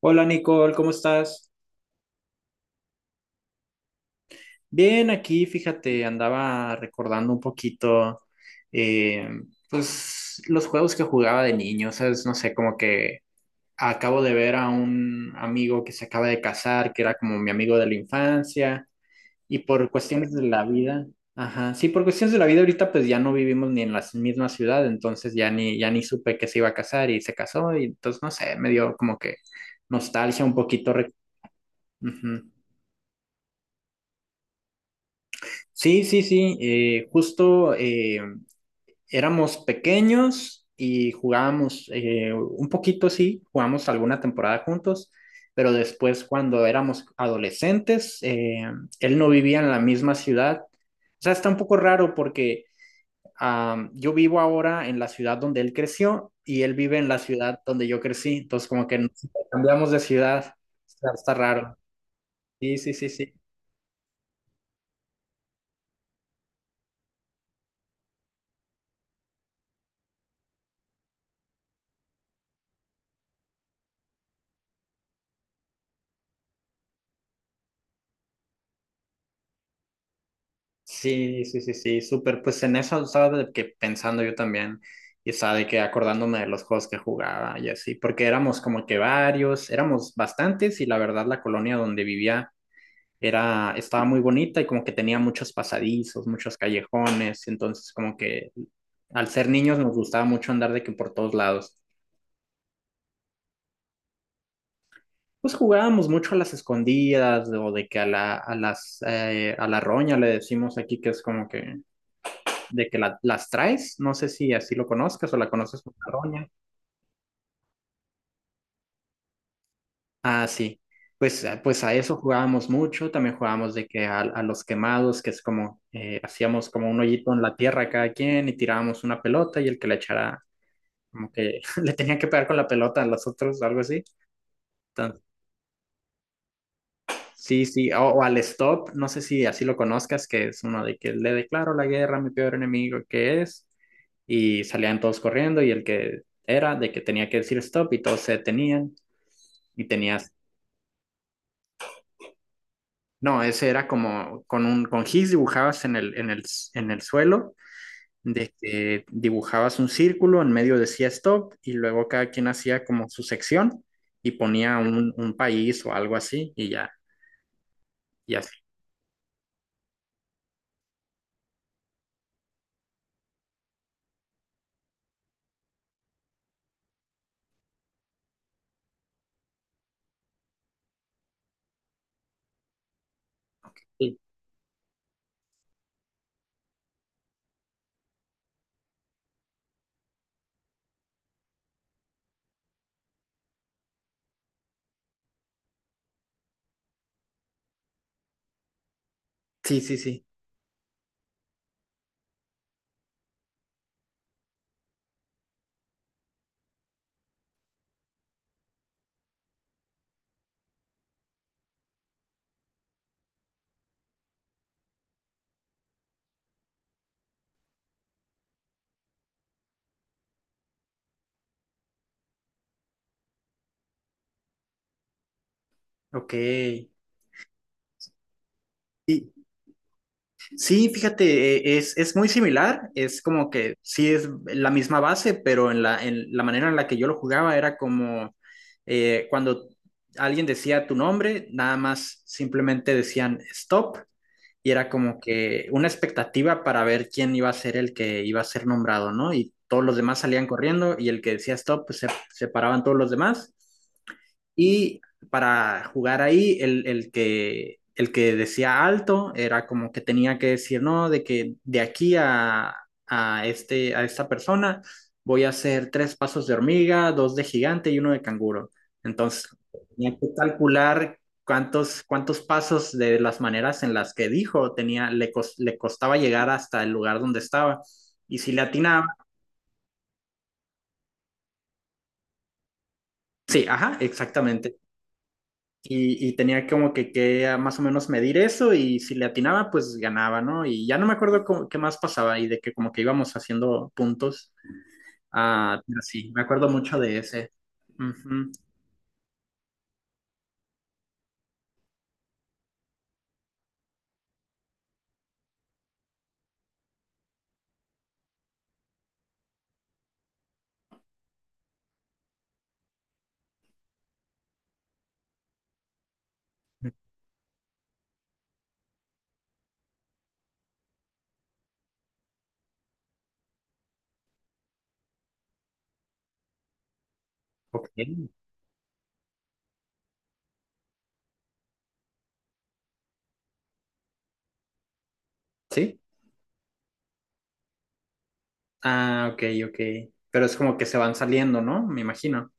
Hola Nicole, ¿cómo estás? Bien, aquí fíjate, andaba recordando un poquito, eh, pues los juegos que jugaba de niño, ¿sabes? No sé, como que acabo de ver a un amigo que se acaba de casar, que era como mi amigo de la infancia, y por cuestiones de la vida, ajá, sí, por cuestiones de la vida ahorita pues ya no vivimos ni en la misma ciudad, entonces ya ni supe que se iba a casar y se casó, y entonces no sé, me dio como que nostalgia un poquito. Ujú. Sí, sí, sí, justo éramos pequeños y jugábamos un poquito, sí, jugamos alguna temporada juntos, pero después cuando éramos adolescentes, él no vivía en la misma ciudad. O sea, está un poco raro porque yo vivo ahora en la ciudad donde él creció y él vive en la ciudad donde yo crecí, entonces como que nos cambiamos de ciudad, está raro. Sí, sí, sí, sí. Sí, sí, sí, sí, súper. Pues en eso estaba de que pensando yo también y estaba de que acordándome de los juegos que jugaba y así, porque éramos como que varios, éramos bastantes y la verdad la colonia donde vivía estaba muy bonita y como que tenía muchos pasadizos, muchos callejones, entonces como que al ser niños nos gustaba mucho andar de que por todos lados. Pues jugábamos mucho a las escondidas o de que a la roña le decimos aquí que es como que de que las traes, no sé si así lo conozcas o la conoces por Carroña. Ah, sí. Pues, a eso jugábamos mucho, también jugábamos de que a los quemados, que es como, hacíamos como un hoyito en la tierra a cada quien y tirábamos una pelota y el que la echara, como que le tenía que pegar con la pelota a los otros, algo así. Entonces, sí, sí, o al stop, no sé si así lo conozcas, que es uno de que le declaro la guerra a mi peor enemigo, que es, y salían todos corriendo y el que era de que tenía que decir stop y todos se detenían y tenías, no, ese era como con con gis dibujabas en el suelo, de que dibujabas un círculo, en medio decía stop y luego cada quien hacía como su sección y ponía un país o algo así y ya, y así. Sí, sí, sí. Ok. ¿Y? Sí, fíjate, es muy similar, es como que sí es la misma base, pero en la manera en la que yo lo jugaba era como cuando alguien decía tu nombre, nada más simplemente decían stop y era como que una expectativa para ver quién iba a ser el que iba a ser nombrado, ¿no? Y todos los demás salían corriendo y el que decía stop, pues se paraban todos los demás y para jugar ahí, el que decía alto era como que tenía que decir, no, de que de aquí a esta persona voy a hacer tres pasos de hormiga, dos de gigante y uno de canguro. Entonces, tenía que calcular cuántos pasos de las maneras en las que dijo le costaba llegar hasta el lugar donde estaba. Y si le atinaba, sí, ajá, exactamente. Y tenía como más o menos medir eso y si le atinaba, pues ganaba, ¿no? Y ya no me acuerdo qué más pasaba y de que como que íbamos haciendo puntos. Ah, pero sí, me acuerdo mucho de ese. Ujú. Ok, sí. Ah, ok, ok. Pero es como que se van saliendo, ¿no? Me imagino.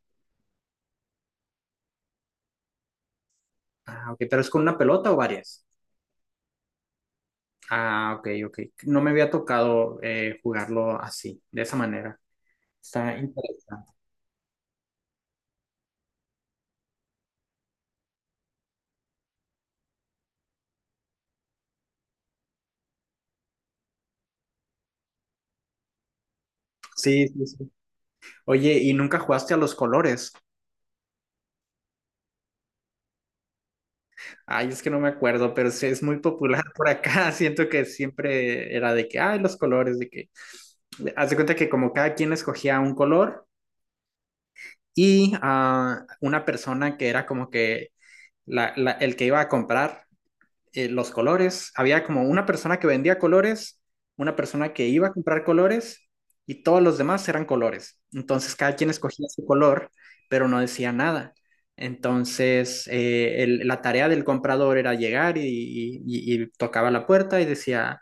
Ah, ok, pero es con una pelota o varias. Ah, ok, ok. No me había tocado jugarlo así, de esa manera. Está interesante. Sí, sí, sí. Oye, ¿y nunca jugaste a los colores? Ay, es que no me acuerdo, pero sí es muy popular por acá. Siento que siempre era de que, ay, los colores, de que. Haz de cuenta que como cada quien escogía un color y ah, una persona que era como que el que iba a comprar los colores. Había como una persona que vendía colores, una persona que iba a comprar colores y todos los demás eran colores. Entonces cada quien escogía su color, pero no decía nada. Entonces la tarea del comprador era llegar y, tocaba la puerta y decía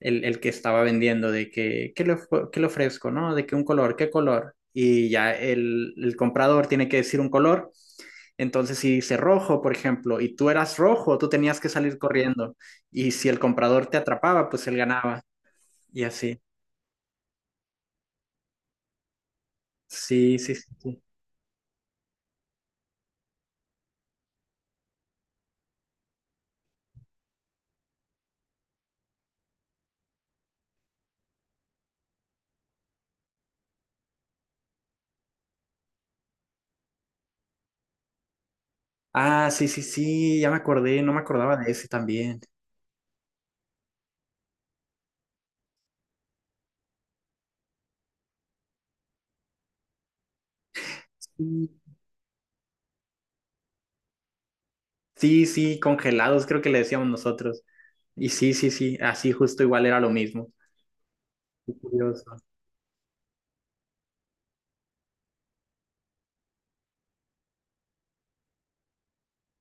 el que estaba vendiendo de que, ¿qué le ofrezco? ¿No? De que un color, ¿qué color? Y ya el comprador tiene que decir un color entonces, si dice rojo, por ejemplo, y tú eras rojo, tú tenías que salir corriendo. Y si el comprador te atrapaba, pues él ganaba. Y así. Sí, sí, sí, sí. Ah, sí, sí, sí, ya me acordé, no me acordaba de ese también. Sí, sí, sí, congelados, creo que le decíamos nosotros. Y sí, sí, sí, así justo igual era lo mismo. Qué curioso.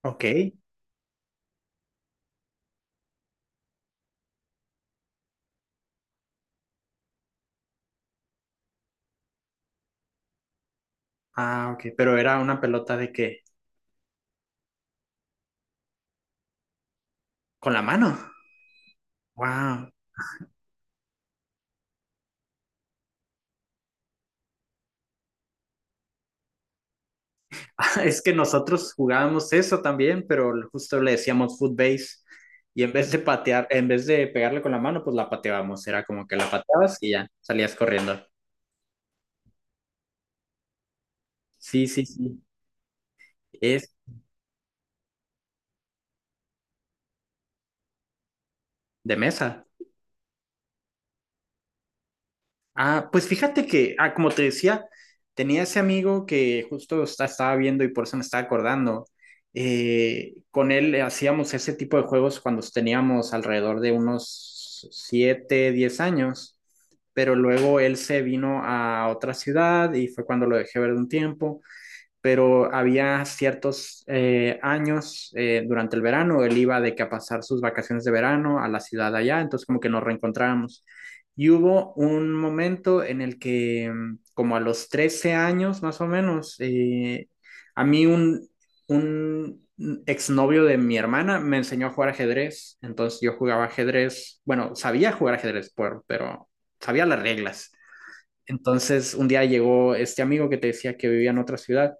Ok. Ah, ok, pero ¿era una pelota de qué? Con la mano. Wow. Es que nosotros jugábamos eso también, pero justo le decíamos foot base y en vez de patear, en vez de pegarle con la mano, pues la pateábamos. Era como que la pateabas y ya salías corriendo. Sí, sí, sí. Es de mesa. Ah, pues fíjate que, ah, como te decía, tenía ese amigo que justo estaba viendo y por eso me estaba acordando. Con él hacíamos ese tipo de juegos cuando teníamos alrededor de unos 7, 10 años, pero luego él se vino a otra ciudad y fue cuando lo dejé ver de un tiempo pero había ciertos años durante el verano, él iba de que a pasar sus vacaciones de verano a la ciudad allá, entonces como que nos reencontrábamos. Y hubo un momento en el que, mm, como a los 13 años más o menos, a mí un exnovio de mi hermana me enseñó a jugar ajedrez, entonces yo jugaba ajedrez, bueno, sabía jugar ajedrez, por, pero sabía las reglas. Entonces un día llegó este amigo que te decía que vivía en otra ciudad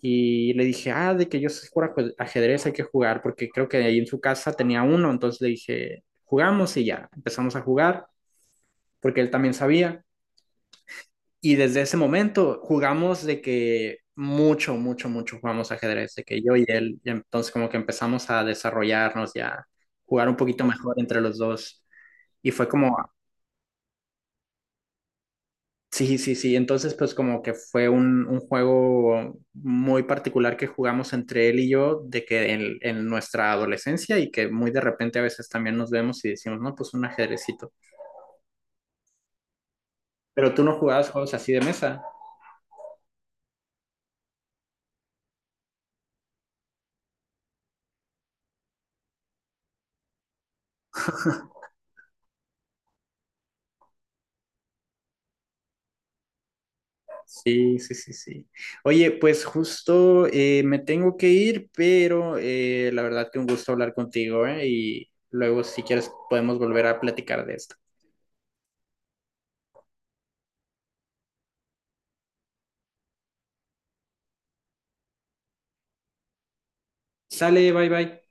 y le dije, ah, de que yo sé jugar ajedrez, hay que jugar, porque creo que ahí en su casa tenía uno. Entonces le dije, jugamos y ya, empezamos a jugar, porque él también sabía. Y desde ese momento jugamos de que mucho, mucho, mucho jugamos ajedrez, de que yo y él, y entonces como que empezamos a desarrollarnos ya, jugar un poquito mejor entre los dos. Y fue como. Sí, sí, sí. Entonces, pues como que fue un juego muy particular que jugamos entre él y yo, de que en nuestra adolescencia y que muy de repente a veces también nos vemos y decimos, no, pues un ajedrecito. Pero tú no jugabas juegos así de mesa. Sí, sí, sí, sí. Oye, pues justo me tengo que ir, pero la verdad que un gusto hablar contigo, ¿eh? Y luego si quieres podemos volver a platicar de esto. Sale, bye bye.